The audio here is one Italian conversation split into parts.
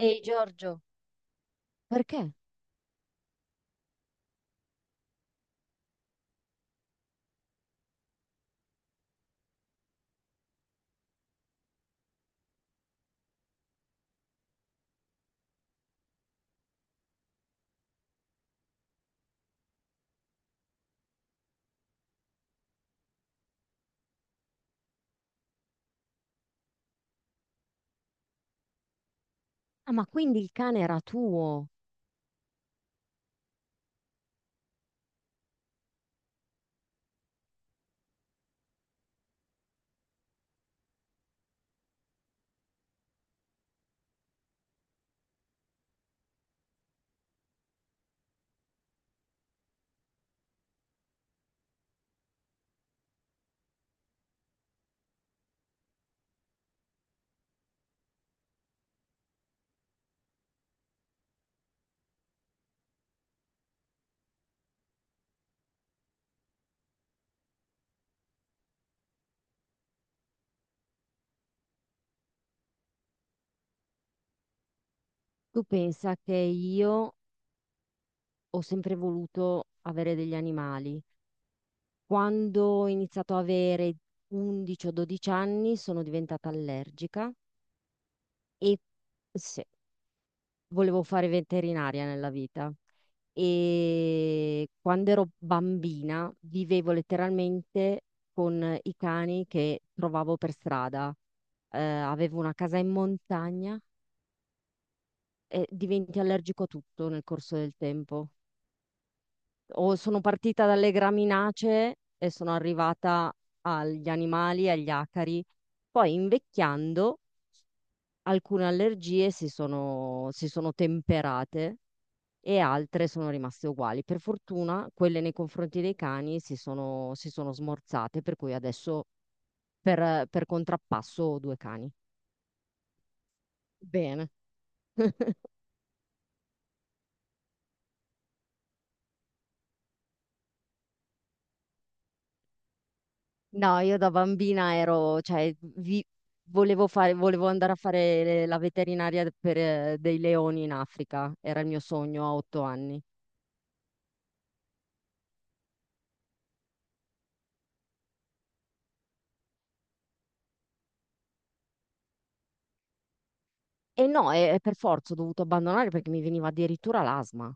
Ehi Giorgio, perché? Ah, ma quindi il cane era tuo? Tu pensa che io ho sempre voluto avere degli animali. Quando ho iniziato a avere 11 o 12 anni sono diventata allergica e se- volevo fare veterinaria nella vita. E quando ero bambina vivevo letteralmente con i cani che trovavo per strada. Avevo una casa in montagna. Diventi allergico a tutto nel corso del tempo. O sono partita dalle graminacee e sono arrivata agli animali, agli acari. Poi invecchiando alcune allergie si sono temperate e altre sono rimaste uguali. Per fortuna quelle nei confronti dei cani si sono smorzate, per cui adesso per contrappasso ho due cani. Bene. No, io da bambina ero, cioè, volevo fare, volevo andare a fare la veterinaria per dei leoni in Africa, era il mio sogno a 8 anni. E no, e per forza ho dovuto abbandonare perché mi veniva addirittura l'asma.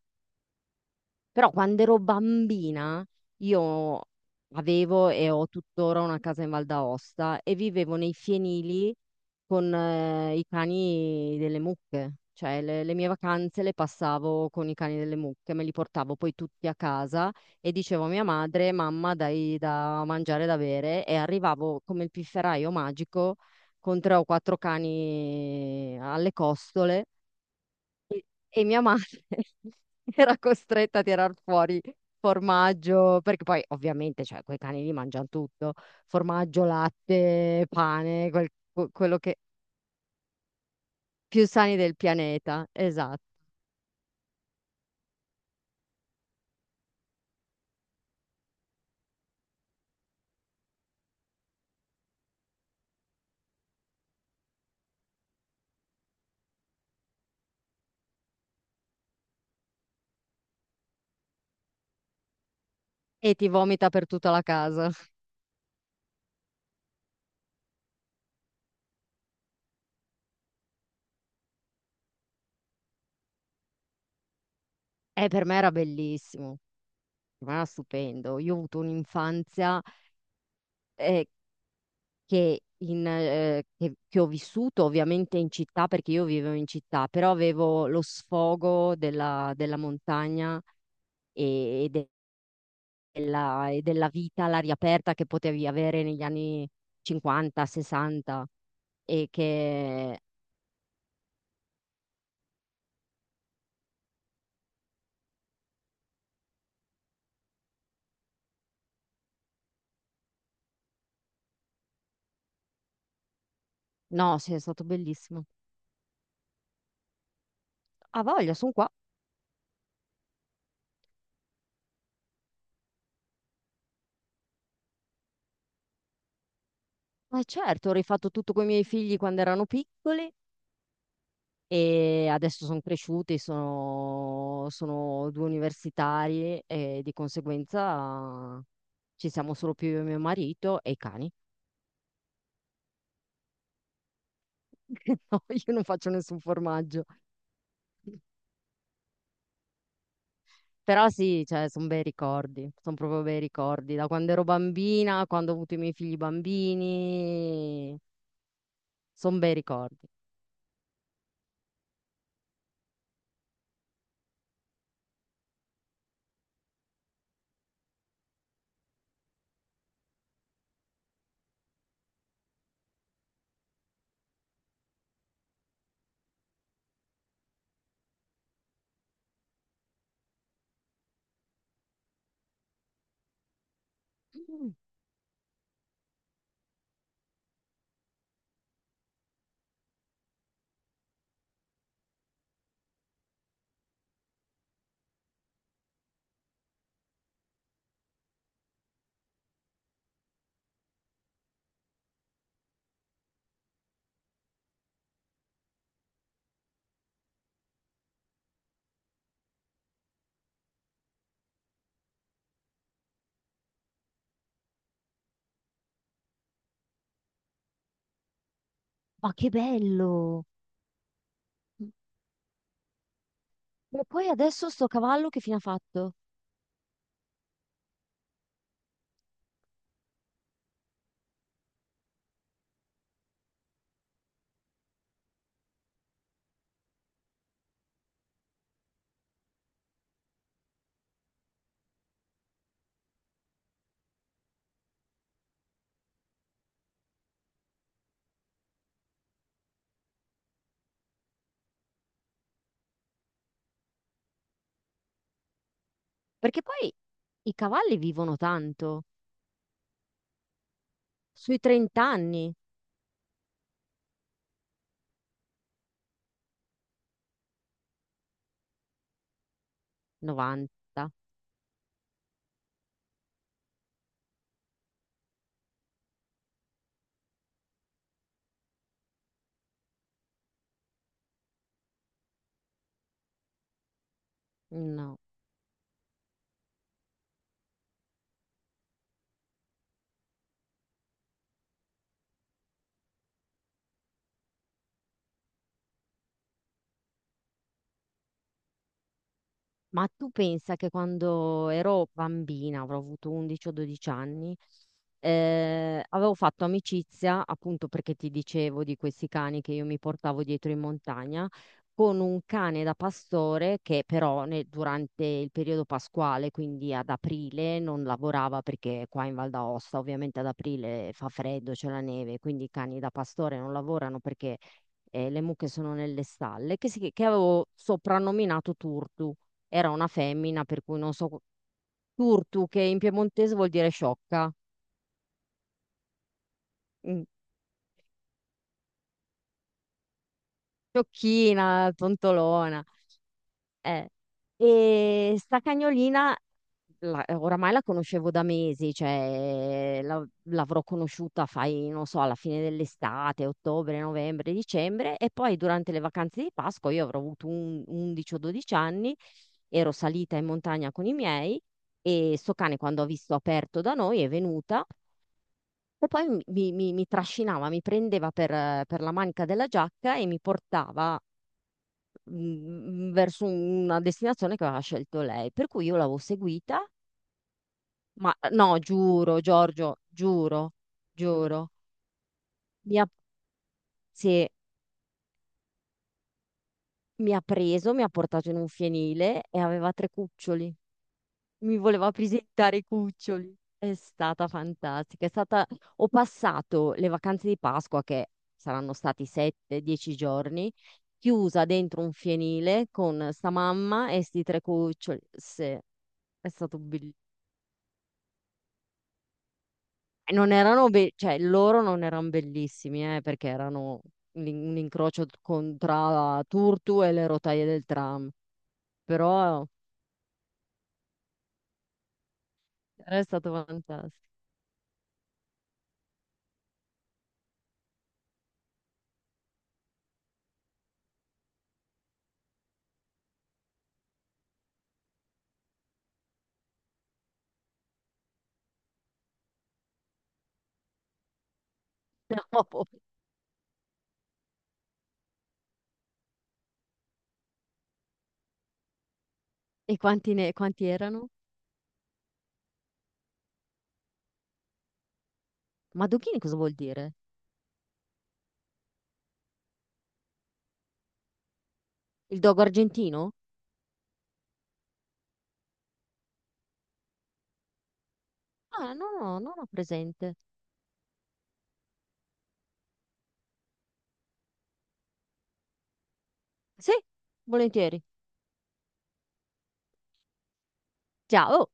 Però quando ero bambina io avevo e ho tuttora una casa in Val d'Aosta e vivevo nei fienili con i cani delle mucche. Cioè le mie vacanze le passavo con i cani delle mucche, me li portavo poi tutti a casa e dicevo a mia madre, mamma, dai da mangiare e da bere, e arrivavo come il pifferaio magico con 3 o 4 cani alle costole e mia madre era costretta a tirar fuori formaggio, perché poi ovviamente, cioè, quei cani lì mangiano tutto, formaggio, latte, pane, quello che... Più sani del pianeta, esatto. E ti vomita per tutta la casa. E per me era bellissimo, per me era stupendo. Io ho avuto un'infanzia eh, che, che ho vissuto ovviamente in città, perché io vivevo in città, però avevo lo sfogo della montagna e, della vita all'aria aperta che potevi avere negli anni 50, 60 e che no, sì, è stato bellissimo. Ha voglia, sono qua. Ma certo, ho rifatto tutto con i miei figli quando erano piccoli e adesso sono cresciuti, sono due universitari e di conseguenza ci siamo solo più io e mio marito e i cani. No, io non faccio nessun formaggio. Però sì, cioè, sono bei ricordi, sono proprio bei ricordi. Da quando ero bambina, quando ho avuto i miei figli bambini, sono bei ricordi. Mm. Ma che bello! E poi adesso sto cavallo che fine ha fatto? Perché poi i cavalli vivono tanto, sui 30 anni, 90, no. Ma tu pensa che quando ero bambina, avrò avuto 11 o 12 anni, avevo fatto amicizia, appunto perché ti dicevo di questi cani che io mi portavo dietro in montagna, con un cane da pastore che però durante il periodo pasquale, quindi ad aprile, non lavorava perché qua in Val d'Aosta ovviamente ad aprile fa freddo, c'è la neve, quindi i cani da pastore non lavorano perché le mucche sono nelle stalle, che, che avevo soprannominato Turtu. Era una femmina, per cui non so, turtu, che in piemontese vuol dire sciocca, mm, sciocchina, tontolona. Eh. E sta cagnolina, oramai la conoscevo da mesi, cioè l'avrò conosciuta, fai, non so, alla fine dell'estate, ottobre, novembre, dicembre, e poi durante le vacanze di Pasqua, io avrò avuto 11 o 12 anni, ero salita in montagna con i miei e sto cane quando ha visto aperto da noi è venuta. E poi mi trascinava, mi prendeva per la manica della giacca e mi portava mm, verso una destinazione che aveva scelto lei. Per cui io l'avevo seguita, ma no, giuro, Giorgio, giuro, giuro, mi ha, sì, mi ha preso, mi ha portato in un fienile e aveva 3 cuccioli. Mi voleva presentare i cuccioli. È stata fantastica. È stata... Ho passato le vacanze di Pasqua, che saranno stati 7-10 giorni, chiusa dentro un fienile con sta mamma e sti 3 cuccioli. Sì, è stato bellissimo. Non erano cioè loro non erano bellissimi, perché erano un incrocio tra Turtu e le rotaie del tram, però era stato fantastico. No, e quanti, quanti erano? Madoghini cosa vuol dire? Il dogo argentino? Ah, no, no, non ho presente. Sì, volentieri. Ciao.